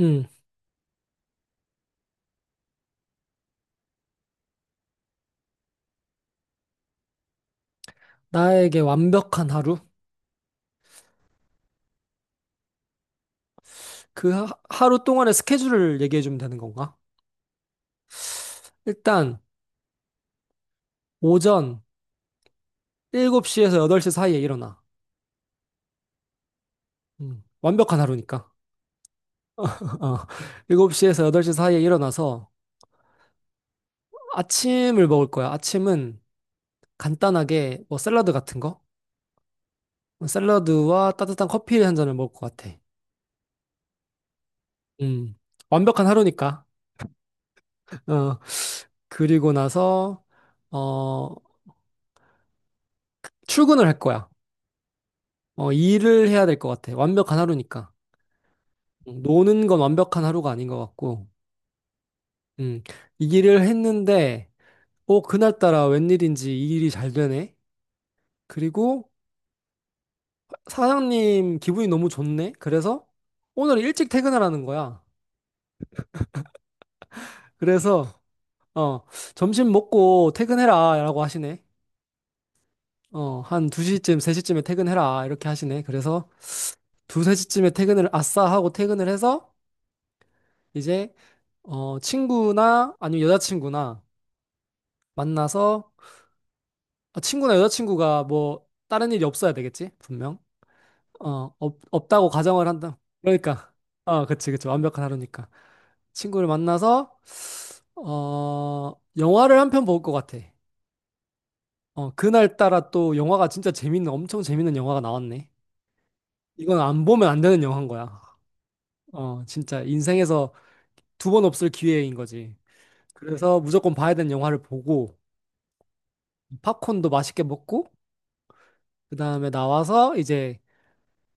음, 나에게 완벽한 하루? 그 하루 동안의 스케줄을 얘기해 주면 되는 건가? 일단, 오전 7시에서 8시 사이에 일어나. 완벽한 하루니까. 어, 7시에서 8시 사이에 일어나서 아침을 먹을 거야. 아침은 간단하게 뭐 샐러드 같은 거? 샐러드와 따뜻한 커피 한 잔을 먹을 것 같아. 음, 완벽한 하루니까. 어, 그리고 나서, 어, 출근을 할 거야. 일을 해야 될 것 같아. 완벽한 하루니까. 노는 건 완벽한 하루가 아닌 것 같고, 음, 이 일을 했는데, 그날따라 웬일인지 이 일이 잘 되네? 그리고 사장님 기분이 너무 좋네? 그래서 오늘 일찍 퇴근하라는 거야. 그래서, 어, 점심 먹고 퇴근해라, 라고 하시네. 한 2시쯤, 3시쯤에 퇴근해라, 이렇게 하시네. 그래서 2, 3시쯤에 퇴근을 아싸 하고 퇴근을 해서, 이제, 친구나 아니면 여자친구나 만나서 아, 친구나 여자친구가 뭐 다른 일이 없어야 되겠지? 분명. 없다고 가정을 한다. 그러니까. 어, 그치, 그치. 완벽한 하루니까. 친구를 만나서, 영화를 한 편 볼 것 같아. 그날따라 또 영화가 진짜 재밌는, 엄청 재밌는 영화가 나왔네. 이건 안 보면 안 되는 영화인 거야. 진짜 인생에서 두 번 없을 기회인 거지. 그래서 무조건 봐야 되는 영화를 보고, 팝콘도 맛있게 먹고, 그 다음에 나와서 이제,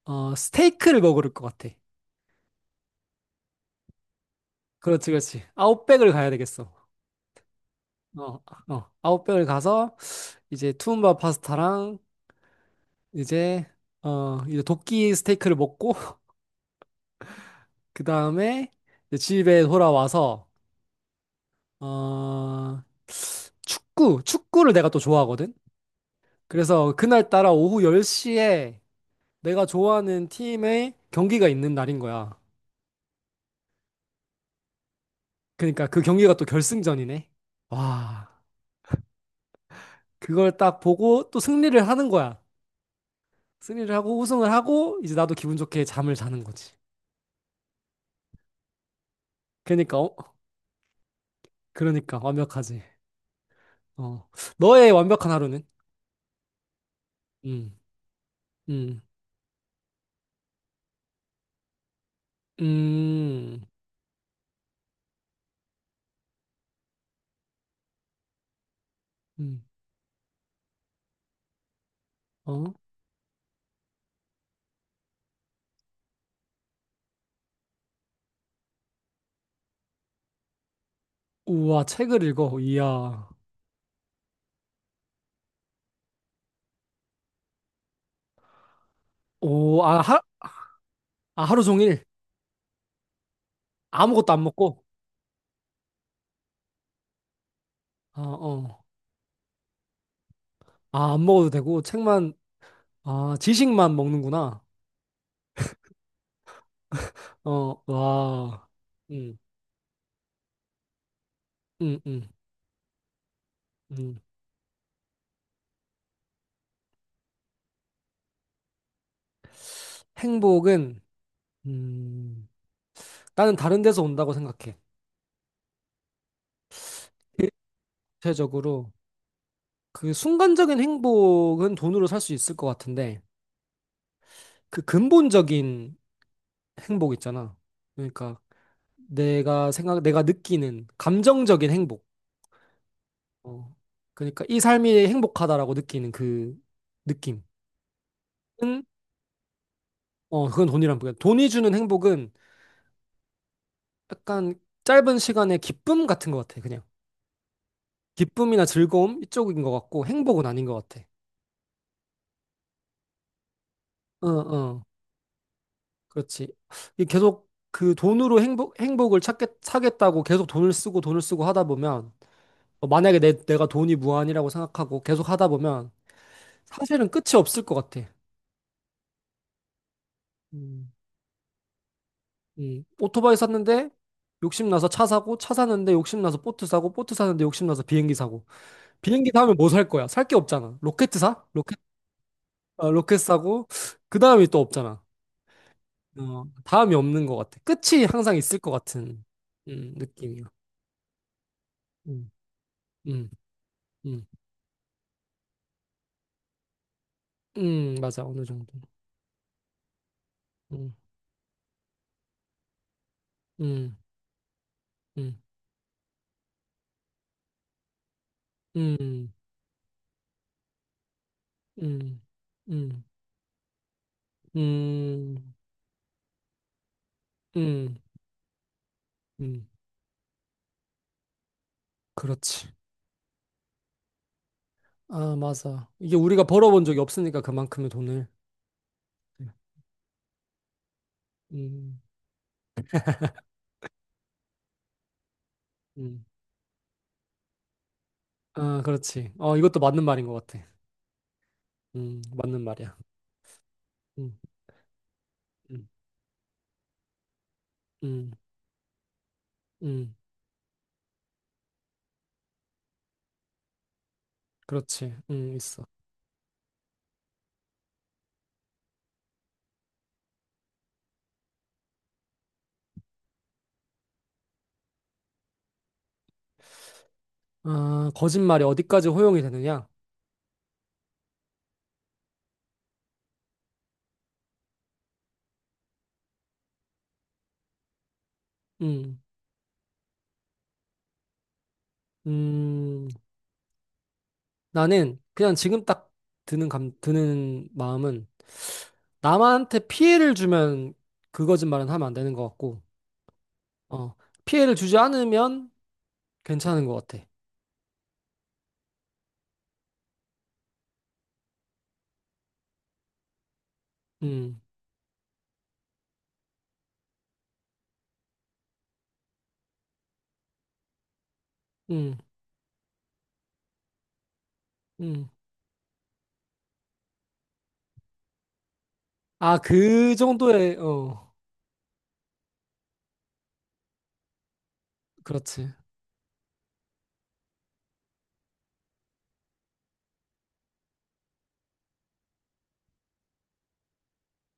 스테이크를 먹을 것 같아. 그렇지, 그렇지. 아웃백을 가야 되겠어. 어, 어. 아웃백을 가서 이제 투움바 파스타랑 이제 이제 도끼 스테이크를 먹고 그 다음에 집에 돌아와서 어 축구를 내가 또 좋아하거든. 그래서 그날 따라 오후 10시에 내가 좋아하는 팀의 경기가 있는 날인 거야. 그러니까 그 경기가 또 결승전이네. 와, 그걸 딱 보고 또 승리를 하는 거야. 승리를 하고 우승을 하고 이제 나도 기분 좋게 잠을 자는 거지. 그러니까 어, 그러니까 완벽하지. 어. 너의 완벽한 하루는? 음. 음. 음. 음. 어? 우와, 책을 읽어. 이야. 오, 아, 아, 하루 종일 아무것도 안 먹고. 아, 어. 아, 안 먹어도 되고 책만 아, 지식만 먹는구나. 어, 와. 음. 음, 음. 음. 행복은 음. 나는 다른 데서 온다고 생각해. 대체적으로 그 순간적인 행복은 돈으로 살 수 있을 것 같은데 그 근본적인 행복 있잖아. 그러니까 내가 느끼는 감정적인 행복. 어. 그러니까 이 삶이 행복하다라고 느끼는 그 느낌은 그건 돈이란 말이야. 돈이 주는 행복은 약간 짧은 시간의 기쁨 같은 것 같아. 그냥 기쁨이나 즐거움 이쪽인 것 같고 행복은 아닌 것 같아. 어어 그렇지. 이 계속 그 돈으로 행복을 사겠다고 계속 돈을 쓰고 돈을 쓰고 하다 보면, 만약에 내가 돈이 무한이라고 생각하고 계속 하다 보면, 사실은 끝이 없을 것 같아. 음, 오토바이 샀는데, 욕심나서 차 사고, 차 사는데 욕심나서 보트 사고, 보트 사는데 욕심나서 비행기 사고. 비행기 사면 뭐 살 거야? 살 게 없잖아. 로켓 사? 로켓, 어, 로켓 사고, 그 다음이 또 없잖아. 어, 다음이 없는 것 같아. 끝이 항상 있을 것 같은, 느낌이야. 음, 음, 음. 맞아. 어느 정도. 음, 음, 음, 음, 음, 음, 음, 음, 음. 그렇지. 아, 맞아. 이게 우리가 벌어본 적이 없으니까 그만큼의 돈을. 음, 음. 아, 그렇지. 이것도 맞는 말인 것 같아. 맞는 말이야. 음, 음, 음, 음. 그렇지. 있어. 아, 거짓말이 어디까지 허용이 되느냐? 음, 음. 나는 그냥 지금 딱 드는 마음은 남한테 피해를 주면 그 거짓말은 하면 안 되는 것 같고, 어, 피해를 주지 않으면 괜찮은 것 같아. 음, 음, 음. 아, 그 정도의, 그렇지.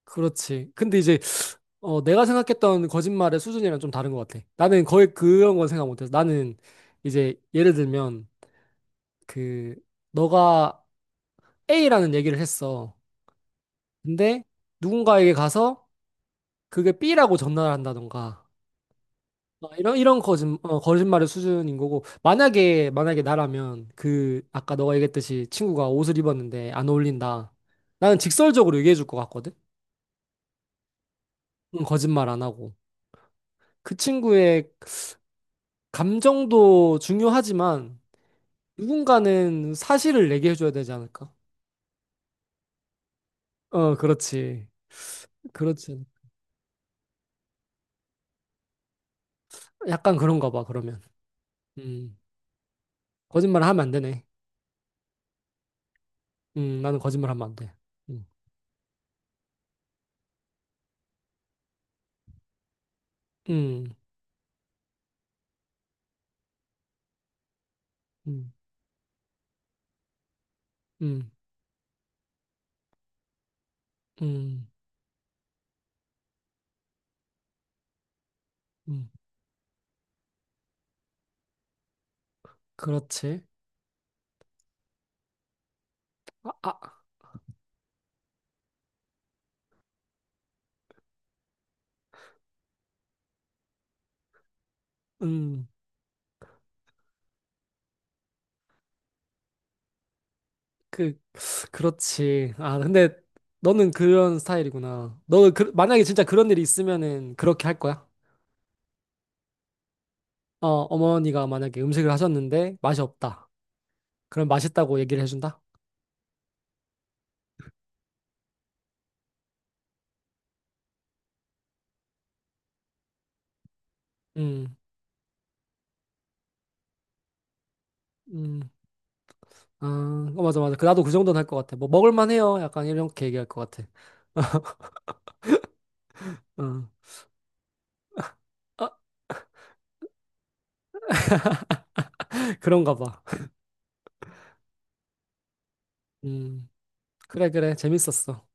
그렇지. 근데 이제, 내가 생각했던 거짓말의 수준이랑 좀 다른 것 같아. 나는 거의 그런 건 생각 못해서. 나는 이제, 예를 들면, 그, 너가 A라는 얘기를 했어. 근데 누군가에게 가서 그게 B라고 전달한다던가. 어, 이런 이런 거짓말의 수준인 거고 만약에 나라면 그 아까 너가 얘기했듯이 친구가 옷을 입었는데 안 어울린다. 나는 직설적으로 얘기해 줄 것 같거든. 응, 거짓말 안 하고 그 친구의 감정도 중요하지만 누군가는 사실을 얘기해 줘야 되지 않을까? 어, 그렇지, 그렇지. 약간 그런가 봐. 그러면 음, 거짓말 하면 안 되네. 나는 거짓말 하면 안 돼. 음, 음, 음, 음, 음, 음. 그렇지. 아, 아, 음, 그, 그렇지. 아, 근데 너는 그런 스타일이구나. 너는 만약에 진짜 그런 일이 있으면은 그렇게 할 거야? 어머니가 만약에 음식을 하셨는데 맛이 없다. 그럼 맛있다고 얘기를 해준다? 음, 음, 아, 어, 맞아, 맞아. 나도 그 정도는 할 것 같아. 뭐, 먹을만 해요. 약간 이렇게 얘기할 것 같아. 어, 아, 그런가 봐. 음, 그래, 그래. 재밌었어.